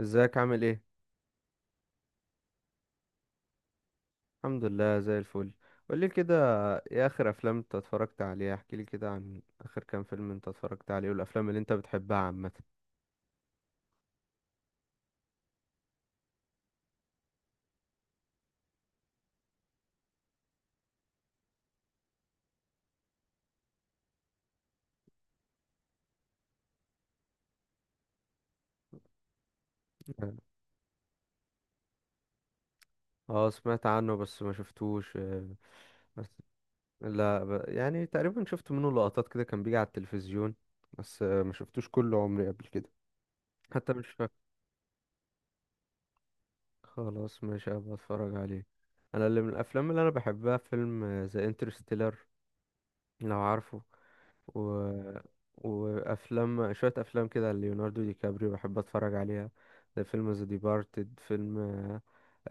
ازيك؟ عامل ايه؟ الحمد لله، زي الفل. قولي كده. ايه اخر افلام انت اتفرجت عليها؟ احكي لي كده عن اخر كام فيلم انت اتفرجت عليه والافلام اللي انت بتحبها عامه. اه، سمعت عنه بس ما شفتوش. بس. لا، يعني تقريبا شفت منه لقطات كده، كان بيجي على التلفزيون. بس ما شفتوش كل عمري قبل كده. حتى مش فاكر. خلاص، ماشي، هبقى اتفرج عليه. انا اللي من الافلام اللي انا بحبها فيلم ذا انترستيلر، لو عارفه. و... وافلام، شويه افلام كده ليوناردو دي كابريو بحب اتفرج عليها، زي فيلم ذا ديبارتد، فيلم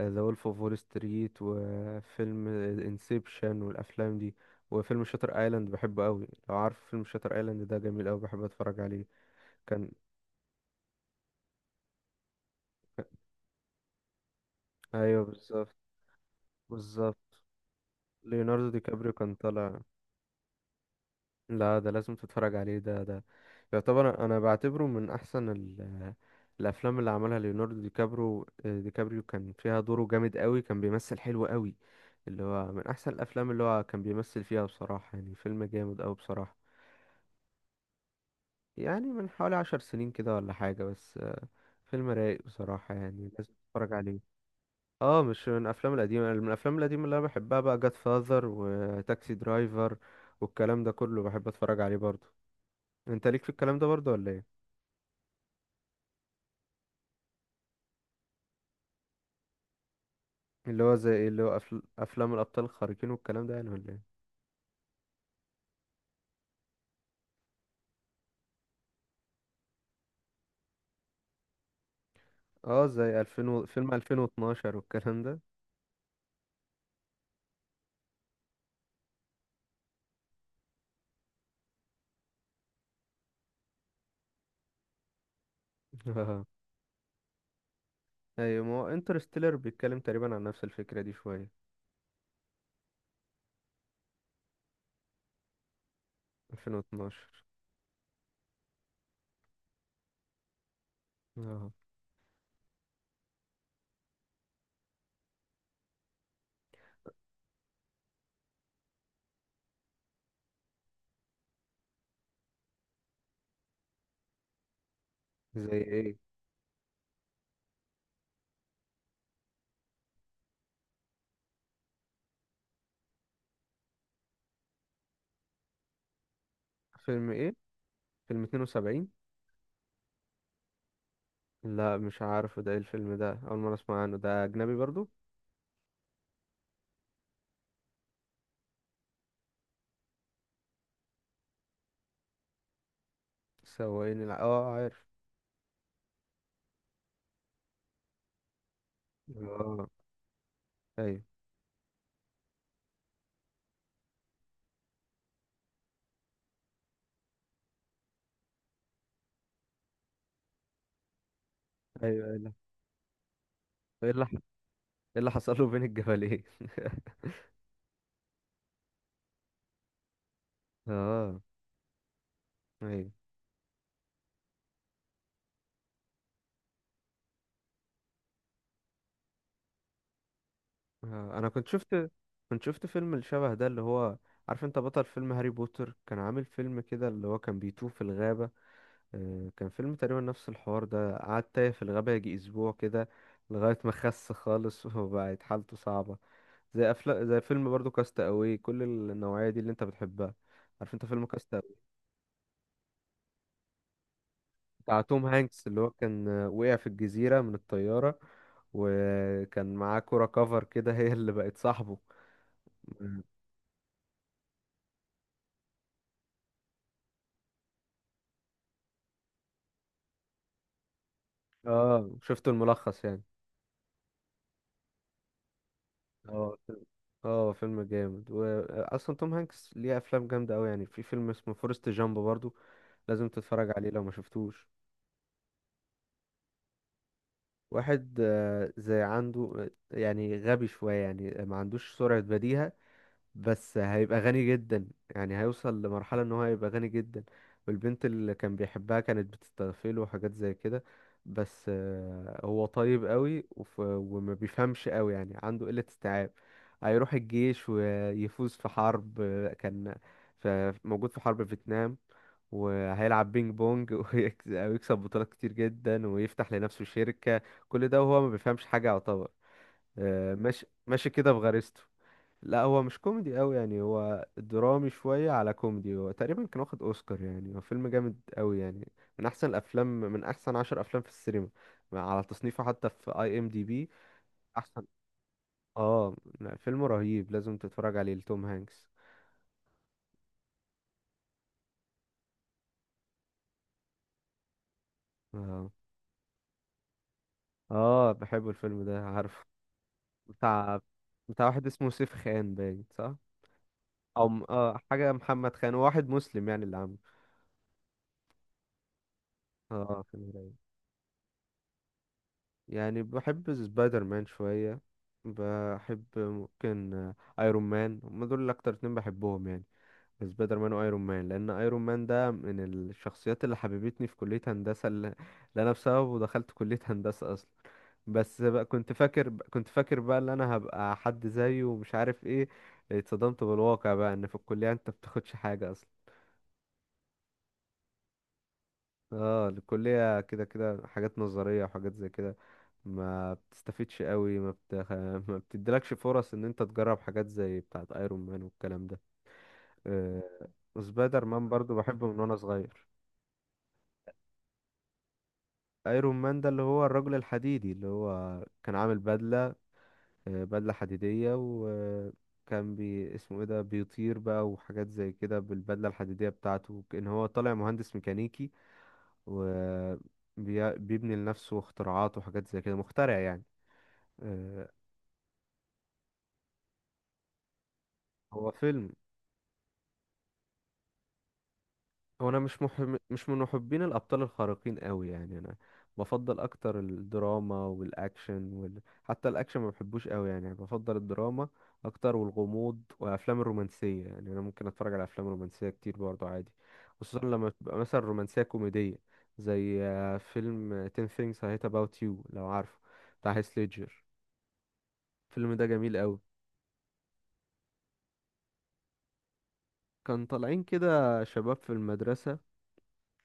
ذا وولف اوف وول ستريت، وفيلم انسبشن والافلام دي. وفيلم شاتر ايلاند بحبه قوي، لو عارف فيلم شاتر ايلاند ده جميل قوي، بحب اتفرج عليه. كان. ايوه، بالظبط، بالظبط. ليوناردو دي كابريو كان طالع. لا، ده لازم تتفرج عليه، ده. يعتبر، انا بعتبره من احسن الافلام اللي عملها ليوناردو دي كابريو، كان فيها دوره جامد قوي، كان بيمثل حلو قوي. اللي هو من احسن الافلام اللي هو كان بيمثل فيها بصراحة، يعني فيلم جامد قوي بصراحة. يعني من حوالي 10 سنين كده ولا حاجة، بس. فيلم رايق بصراحة، يعني لازم تتفرج عليه. اه، مش من الافلام القديمة. من الافلام القديمة اللي انا بحبها بقى جاد فاذر وتاكسي درايفر، والكلام ده كله بحب اتفرج عليه برضه. انت ليك في الكلام ده برضه ولا ايه؟ اللي هو زي ايه؟ اللي هو افلام الابطال الخارقين والكلام ده، يعني ولا ايه؟ اه، زي 2000 فيلم 2012 والكلام ده. اه. ايوه، ما هو انترستيلر بيتكلم تقريبا عن نفس الفكرة دي شوية. 2012. اه، زي ايه؟ فيلم ايه؟ فيلم 72؟ لا، مش عارف ده ايه الفيلم ده، اول مرة اسمع عنه، ده اجنبي برضه؟ اه، عارف. اه. ايوه. ايوه. ايه اللي حصل له بين الجبلين؟ اه. ايوه. انا كنت شفت فيلم الشبه ده، اللي هو عارف انت بطل فيلم هاري بوتر كان عامل فيلم كده، اللي هو كان بيتوه في الغابة؟ كان فيلم تقريبا نفس الحوار ده، قعد تايه في الغابة يجي اسبوع كده، لغاية ما خس خالص. وبقت حالته صعبة. زي فيلم برضو كاست اواي، كل النوعية دي اللي انت بتحبها. عارف انت فيلم كاست اواي؟ بتاع توم هانكس، اللي هو كان وقع في الجزيرة من الطيارة، وكان معاه كرة كفر كده، هي اللي بقت صاحبه. مم. اه، شفته الملخص يعني. اه. فيلم- اه، فيلم جامد، واصلا توم هانكس ليه افلام جامده قوي، يعني في فيلم اسمه فورست جامب برضو، لازم تتفرج عليه لو ما شفتوش. واحد زي عنده، يعني غبي شويه، يعني ما عندوش سرعه بديهه، بس هيبقى غني جدا، يعني هيوصل لمرحلة ان هو هيبقى غني جدا، والبنت اللي كان بيحبها كانت بتستغفله وحاجات زي كده. بس هو طيب قوي وما بيفهمش قوي، يعني عنده قلة استيعاب. هيروح الجيش ويفوز في حرب، كان ف- موجود في حرب فيتنام، وهيلعب بينج بونج. ويكسب بطولات كتير جدا، ويفتح لنفسه شركة. كل ده وهو ما بيفهمش حاجة يعتبر، ماشي، ماشي كده بغريزته. لا، هو مش كوميدي قوي، يعني هو درامي شوية على كوميدي، هو تقريبا كان واخد اوسكار، يعني هو فيلم جامد قوي يعني. من احسن الافلام، من احسن 10 افلام في السينما، على تصنيفه حتى في اي ام دي بي. احسن. اه. لا، فيلم رهيب لازم تتفرج عليه لتوم هانكس. اه. اه، بحب الفيلم ده، عارف؟ بتاع بتاع واحد اسمه سيف خان، باين؟ صح. اه، حاجة محمد خان، هو واحد مسلم يعني اللي عامله. اه، فيلم رايق. يعني بحب سبايدر مان شوية، بحب ممكن ايرون مان، هما دول اكتر اتنين بحبهم يعني، سبايدر مان وايرون مان، لان ايرون مان ده من الشخصيات اللي حببتني في كلية هندسة، اللي انا بسببه دخلت كلية هندسة اصلا. بس بقى كنت فاكر بقى ان انا هبقى حد زيه ومش عارف ايه. اتصدمت بالواقع بقى، ان في الكلية انت بتاخدش حاجة. اه، الكلية كده كده حاجات نظرية وحاجات زي كده، ما بتستفيدش قوي، ما, بتخ... ما بتديلكش فرص ان انت تجرب حاجات زي بتاعة ايرون مان والكلام ده. آه... سبايدر مان برضو بحبه من وانا صغير. ايرون مان ده اللي هو الرجل الحديدي، اللي هو كان عامل بدلة، بدلة حديدية، وكان بي اسمه ايه ده بيطير بقى وحاجات زي كده بالبدلة الحديدية بتاعته، كأن هو طالع مهندس ميكانيكي. و بيبني لنفسه اختراعات وحاجات زي كده، مخترع يعني. آه، هو فيلم. هو انا مش من محبين الابطال الخارقين قوي يعني، انا بفضل اكتر الدراما والاكشن حتى الاكشن ما بحبوش قوي يعني بفضل الدراما اكتر، والغموض والافلام الرومانسيه، يعني انا ممكن اتفرج على افلام رومانسيه كتير برضو عادي، خصوصا لما تبقى مثلا رومانسيه كوميديه، زي فيلم 10 things I hate about you، لو عارفه، بتاع هيث ليدجر. الفيلم ده جميل قوي. كان طالعين كده شباب في المدرسه،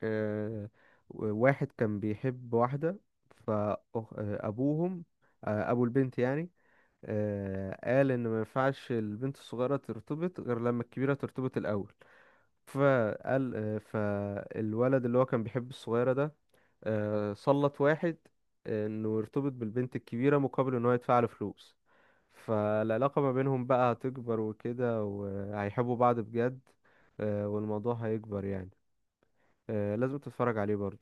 آه، واحد كان بيحب واحدة، فأبوهم، أبو البنت يعني، قال إن ما ينفعش البنت الصغيرة ترتبط غير لما الكبيرة ترتبط الأول. فقال، فالولد اللي هو كان بيحب الصغيرة ده، سلط واحد إنه يرتبط بالبنت الكبيرة مقابل إن هو يدفع له فلوس. فالعلاقة ما بينهم بقى هتكبر وكده وهيحبوا بعض بجد، والموضوع هيكبر يعني، لازم تتفرج عليه برضه.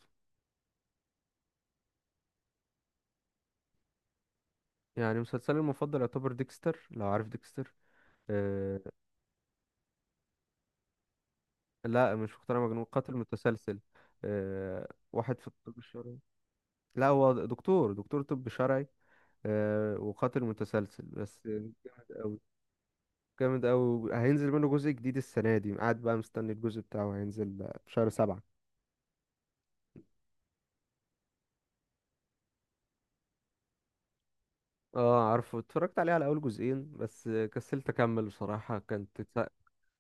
يعني مسلسلي المفضل يعتبر ديكستر، لو عارف ديكستر. آه. لا، مش مقتنع مجنون، قاتل متسلسل. آه، واحد في الطب الشرعي. لا، هو دكتور طب شرعي، آه، وقاتل متسلسل بس. جامد قوي، جامد قوي. هينزل منه جزء جديد السنة دي، قاعد بقى مستني الجزء بتاعه هينزل في شهر سبعة. اه، عارفه، اتفرجت عليه على اول جزئين بس، كسلت اكمل بصراحة، كانت.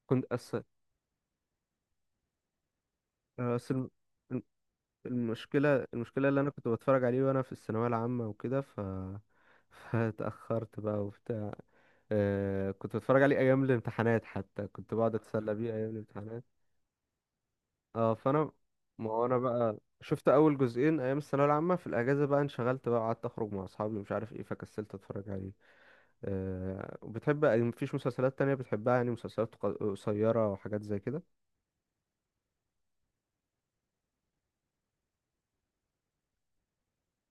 كنت أس... أس... المشكلة اللي أنا كنت بتفرج عليه وأنا في الثانوية العامة وكده، فاتأخرت بقى وبتاع، آه، كنت بتفرج عليه أيام الامتحانات، حتى كنت بقعد أتسلى بيه أيام الامتحانات. اه، فأنا، ما هو أنا بقى شفت أول جزئين أيام الثانوية العامة، في الأجازة بقى انشغلت بقى قعدت أخرج مع أصحابي ومش عارف إيه، فكسلت أتفرج عليه. آه، وبتحب، مفيش مسلسلات تانية بتحبها يعني، مسلسلات قصيرة وحاجات زي كده؟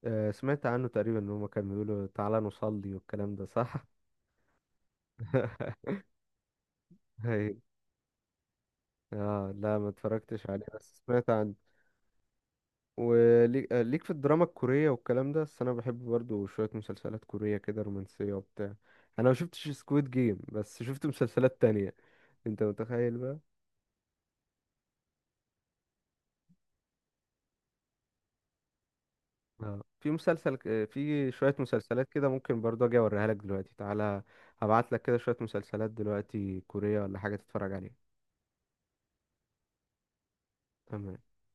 آه، سمعت عنه تقريبا، إن هما كانوا بيقولوا تعالى نصلي والكلام ده، صح؟ هي. اه، لا ما اتفرجتش عليه، بس سمعت عنه. وليك آه، ليك في الدراما الكورية والكلام ده؟ بس انا بحب برضو شوية مسلسلات كورية كده رومانسية وبتاع، انا ما شفتش سكويد جيم بس شفت مسلسلات تانية، انت متخيل بقى. اه، في مسلسل في شوية مسلسلات كده، ممكن برضو اجي اوريها لك دلوقتي، تعالى هبعت لك كده شوية مسلسلات دلوقتي كورية ولا حاجة تتفرج عليها. تمام.